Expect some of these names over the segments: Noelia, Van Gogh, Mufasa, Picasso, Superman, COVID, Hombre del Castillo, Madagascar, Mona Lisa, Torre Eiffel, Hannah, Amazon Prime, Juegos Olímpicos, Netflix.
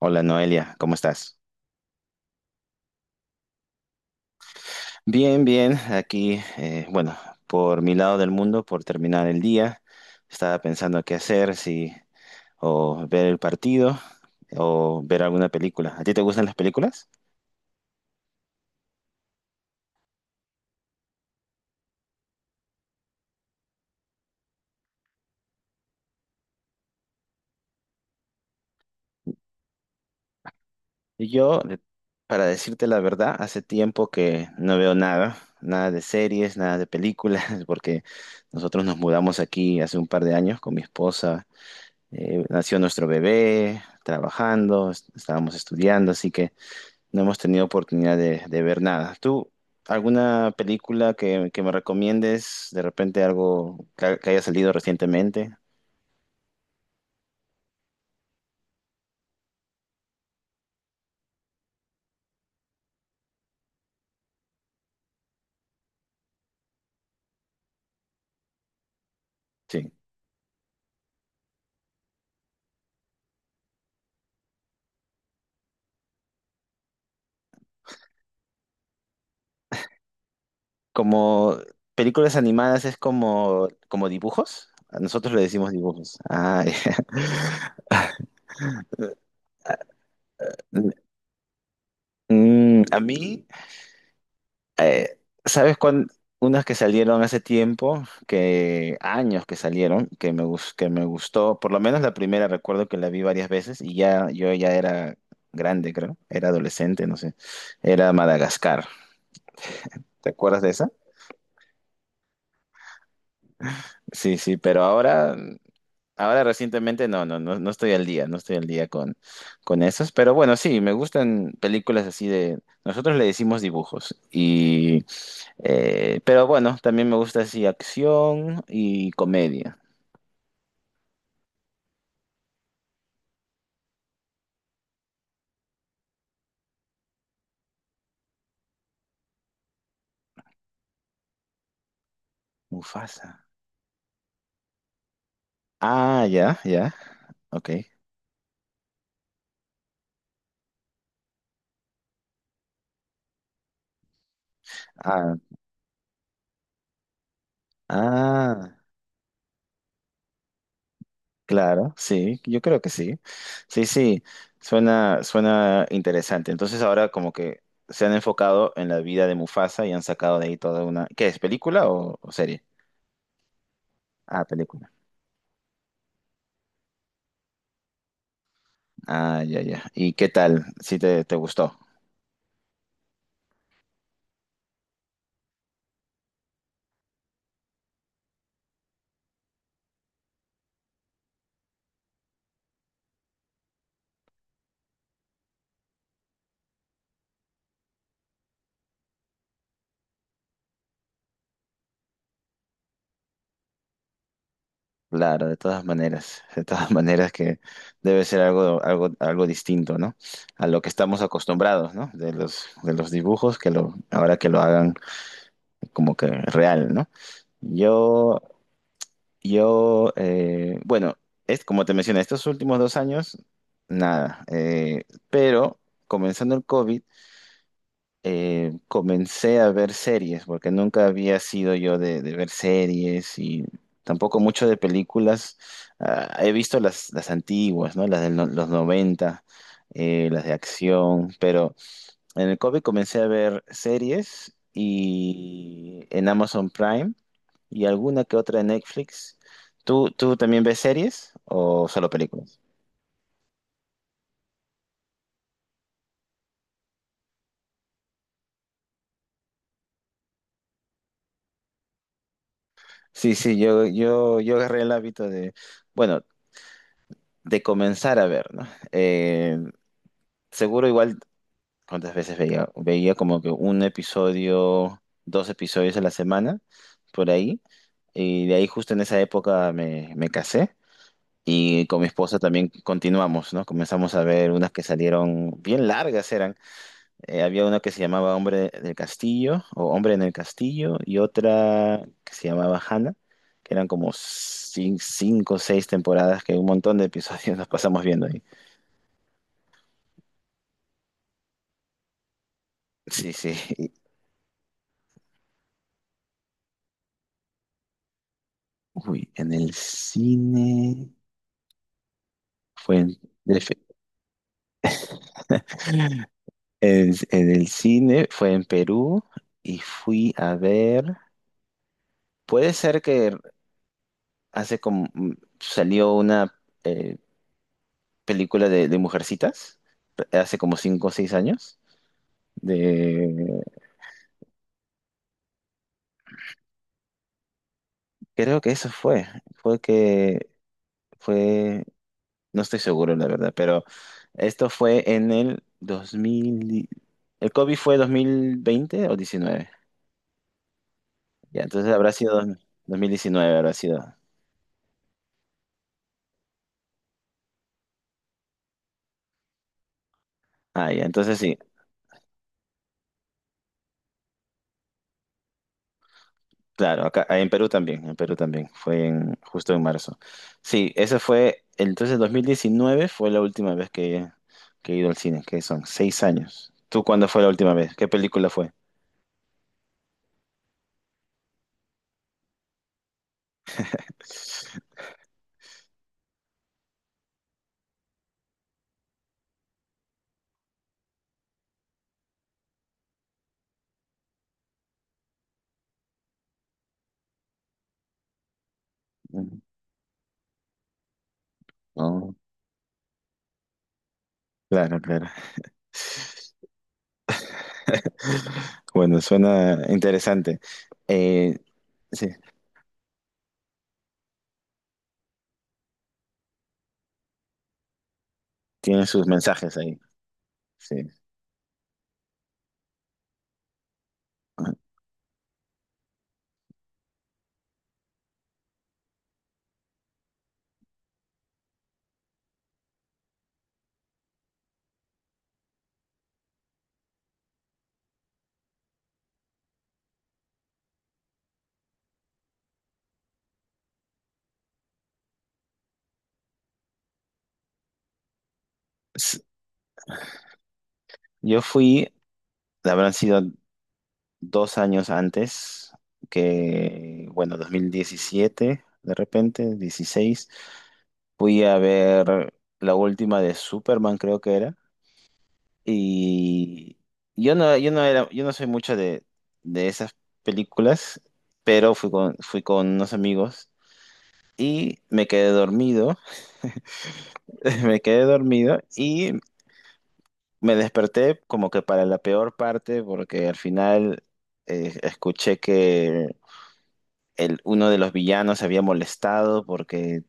Hola Noelia, ¿cómo estás? Bien, bien, aquí, bueno, por mi lado del mundo, por terminar el día, estaba pensando qué hacer, si o ver el partido o ver alguna película. ¿A ti te gustan las películas? Yo, para decirte la verdad, hace tiempo que no veo nada, nada de series, nada de películas, porque nosotros nos mudamos aquí hace un par de años con mi esposa, nació nuestro bebé, trabajando, estábamos estudiando, así que no hemos tenido oportunidad de ver nada. ¿Tú, alguna película que me recomiendes? De repente algo que haya salido recientemente. Sí. Como películas animadas es como, como dibujos. A nosotros le decimos dibujos. Ah, ya. Mm, a mí. eh, ¿sabes cuán- Unas que salieron hace tiempo, que años que salieron, que me gustó, por lo menos la primera recuerdo que la vi varias veces y ya yo ya era grande, creo, era adolescente, no sé, era Madagascar. ¿Te acuerdas de esa? Sí, sí, pero ahora recientemente no, no, no, no estoy al día, no estoy al día con esos, pero bueno, sí, me gustan películas así de, nosotros le decimos dibujos, y, pero bueno, también me gusta así acción y comedia. Mufasa. Ah, ya, ya, ok. Ah, ah, claro, sí, yo creo que sí. Sí, sí, suena, suena interesante. Entonces ahora como que se han enfocado en la vida de Mufasa y han sacado de ahí toda una... ¿Qué es, película o serie? Ah, película. Ah, ya, ya. ¿Y qué tal? Si te, te gustó. Claro, de todas maneras, de todas maneras que debe ser algo, algo, algo distinto, ¿no? A lo que estamos acostumbrados, ¿no? De los dibujos, que lo, ahora que lo hagan como que real, ¿no? Yo, yo, bueno, es como te mencioné, estos últimos dos años, nada. Pero comenzando el COVID, comencé a ver series, porque nunca había sido yo de ver series y tampoco mucho de películas. Ah, he visto las antiguas, ¿no? Las de no, los 90 las de acción, pero en el COVID comencé a ver series y en Amazon Prime y alguna que otra en Netflix. Tú también ves series o solo películas? Sí, sí, yo agarré el hábito de, bueno, de comenzar a ver, ¿no? Eh, seguro igual, ¿cuántas veces veía? Veía como que un episodio, dos episodios a la semana, por ahí. Y de ahí justo en esa época me casé y con mi esposa también continuamos, ¿no? Comenzamos a ver unas que salieron bien largas eran. Había una que se llamaba Hombre del Castillo o Hombre en el Castillo y otra que se llamaba Hannah, que eran como cinco o seis temporadas que un montón de episodios nos pasamos viendo ahí. Sí, sí. Uy, en el cine fue en, de fe- en el cine fue en Perú y fui a ver. Puede ser que hace como mm, salió una película de mujercitas hace como cinco o seis años. De creo que eso fue. Fue que fue. No estoy seguro, la verdad, pero esto fue en el 2000. El COVID fue 2020 o 19. Ya, entonces 2019, habrá sido. Ah, ya, entonces sí, claro, acá en Perú también, fue en, justo en marzo. Sí, ese fue, entonces 2019 fue la última vez que he ido al cine, que son 6 años. ¿Tú cuándo fue la última vez? ¿Qué película fue? Mm, no, claro, claro. Bueno, suena interesante. Eh, sí, tiene sus mensajes ahí. Sí. S- Yo fui, habrán sido dos años antes, que bueno, 2017, de repente, 16, fui a ver la última de Superman, creo que era, y yo no era, yo no soy mucho de esas películas, pero fui con unos amigos y me quedé dormido, me quedé dormido y me desperté como que para la peor parte, porque al final escuché que uno de los villanos se había molestado porque,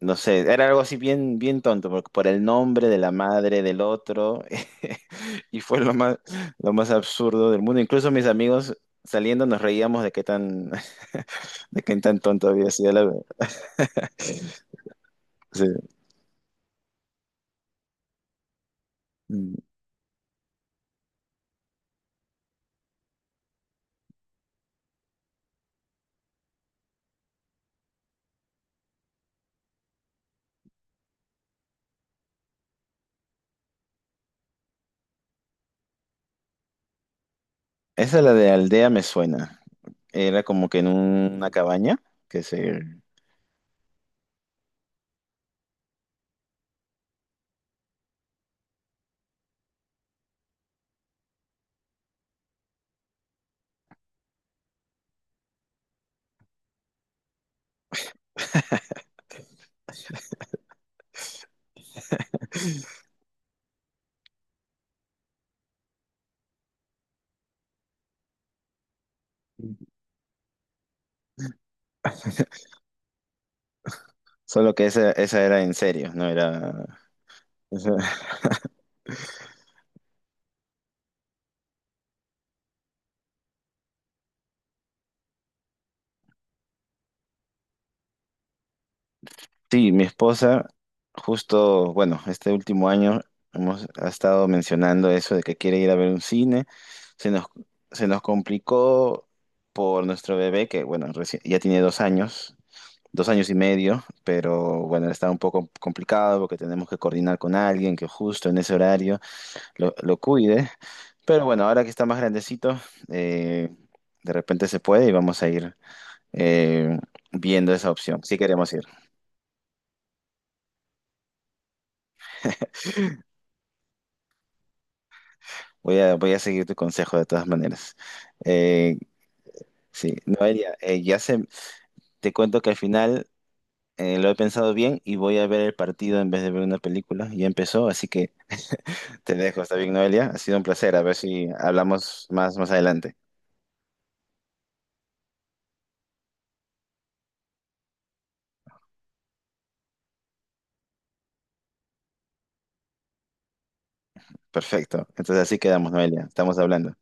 no sé, era algo así bien, bien tonto, porque por el nombre de la madre del otro, y fue lo más absurdo del mundo. Incluso mis amigos saliendo nos reíamos de qué tan, de qué tan tonto había sido la verdad. Sí. Mm. Esa la de aldea me suena. Era como que en una cabaña, que se... Solo que esa era en serio, no era... Sí, mi esposa, justo, bueno, este último año hemos ha estado mencionando eso de que quiere ir a ver un cine. Se nos, se nos complicó por nuestro bebé, que bueno, ya tiene 2 años, 2 años y medio, pero bueno, está un poco complicado porque tenemos que coordinar con alguien que justo en ese horario lo cuide. Pero bueno, ahora que está más grandecito, eh, de repente se puede y vamos a ir eh, viendo esa opción, si queremos ir. Voy a seguir tu consejo de todas maneras. Eh, sí, Noelia, te cuento que al final lo he pensado bien y voy a ver el partido en vez de ver una película. Ya empezó, así que te dejo. ¿Está bien, Noelia? Ha sido un placer. A ver si hablamos más, más adelante. Perfecto. Entonces así quedamos, Noelia. Estamos hablando.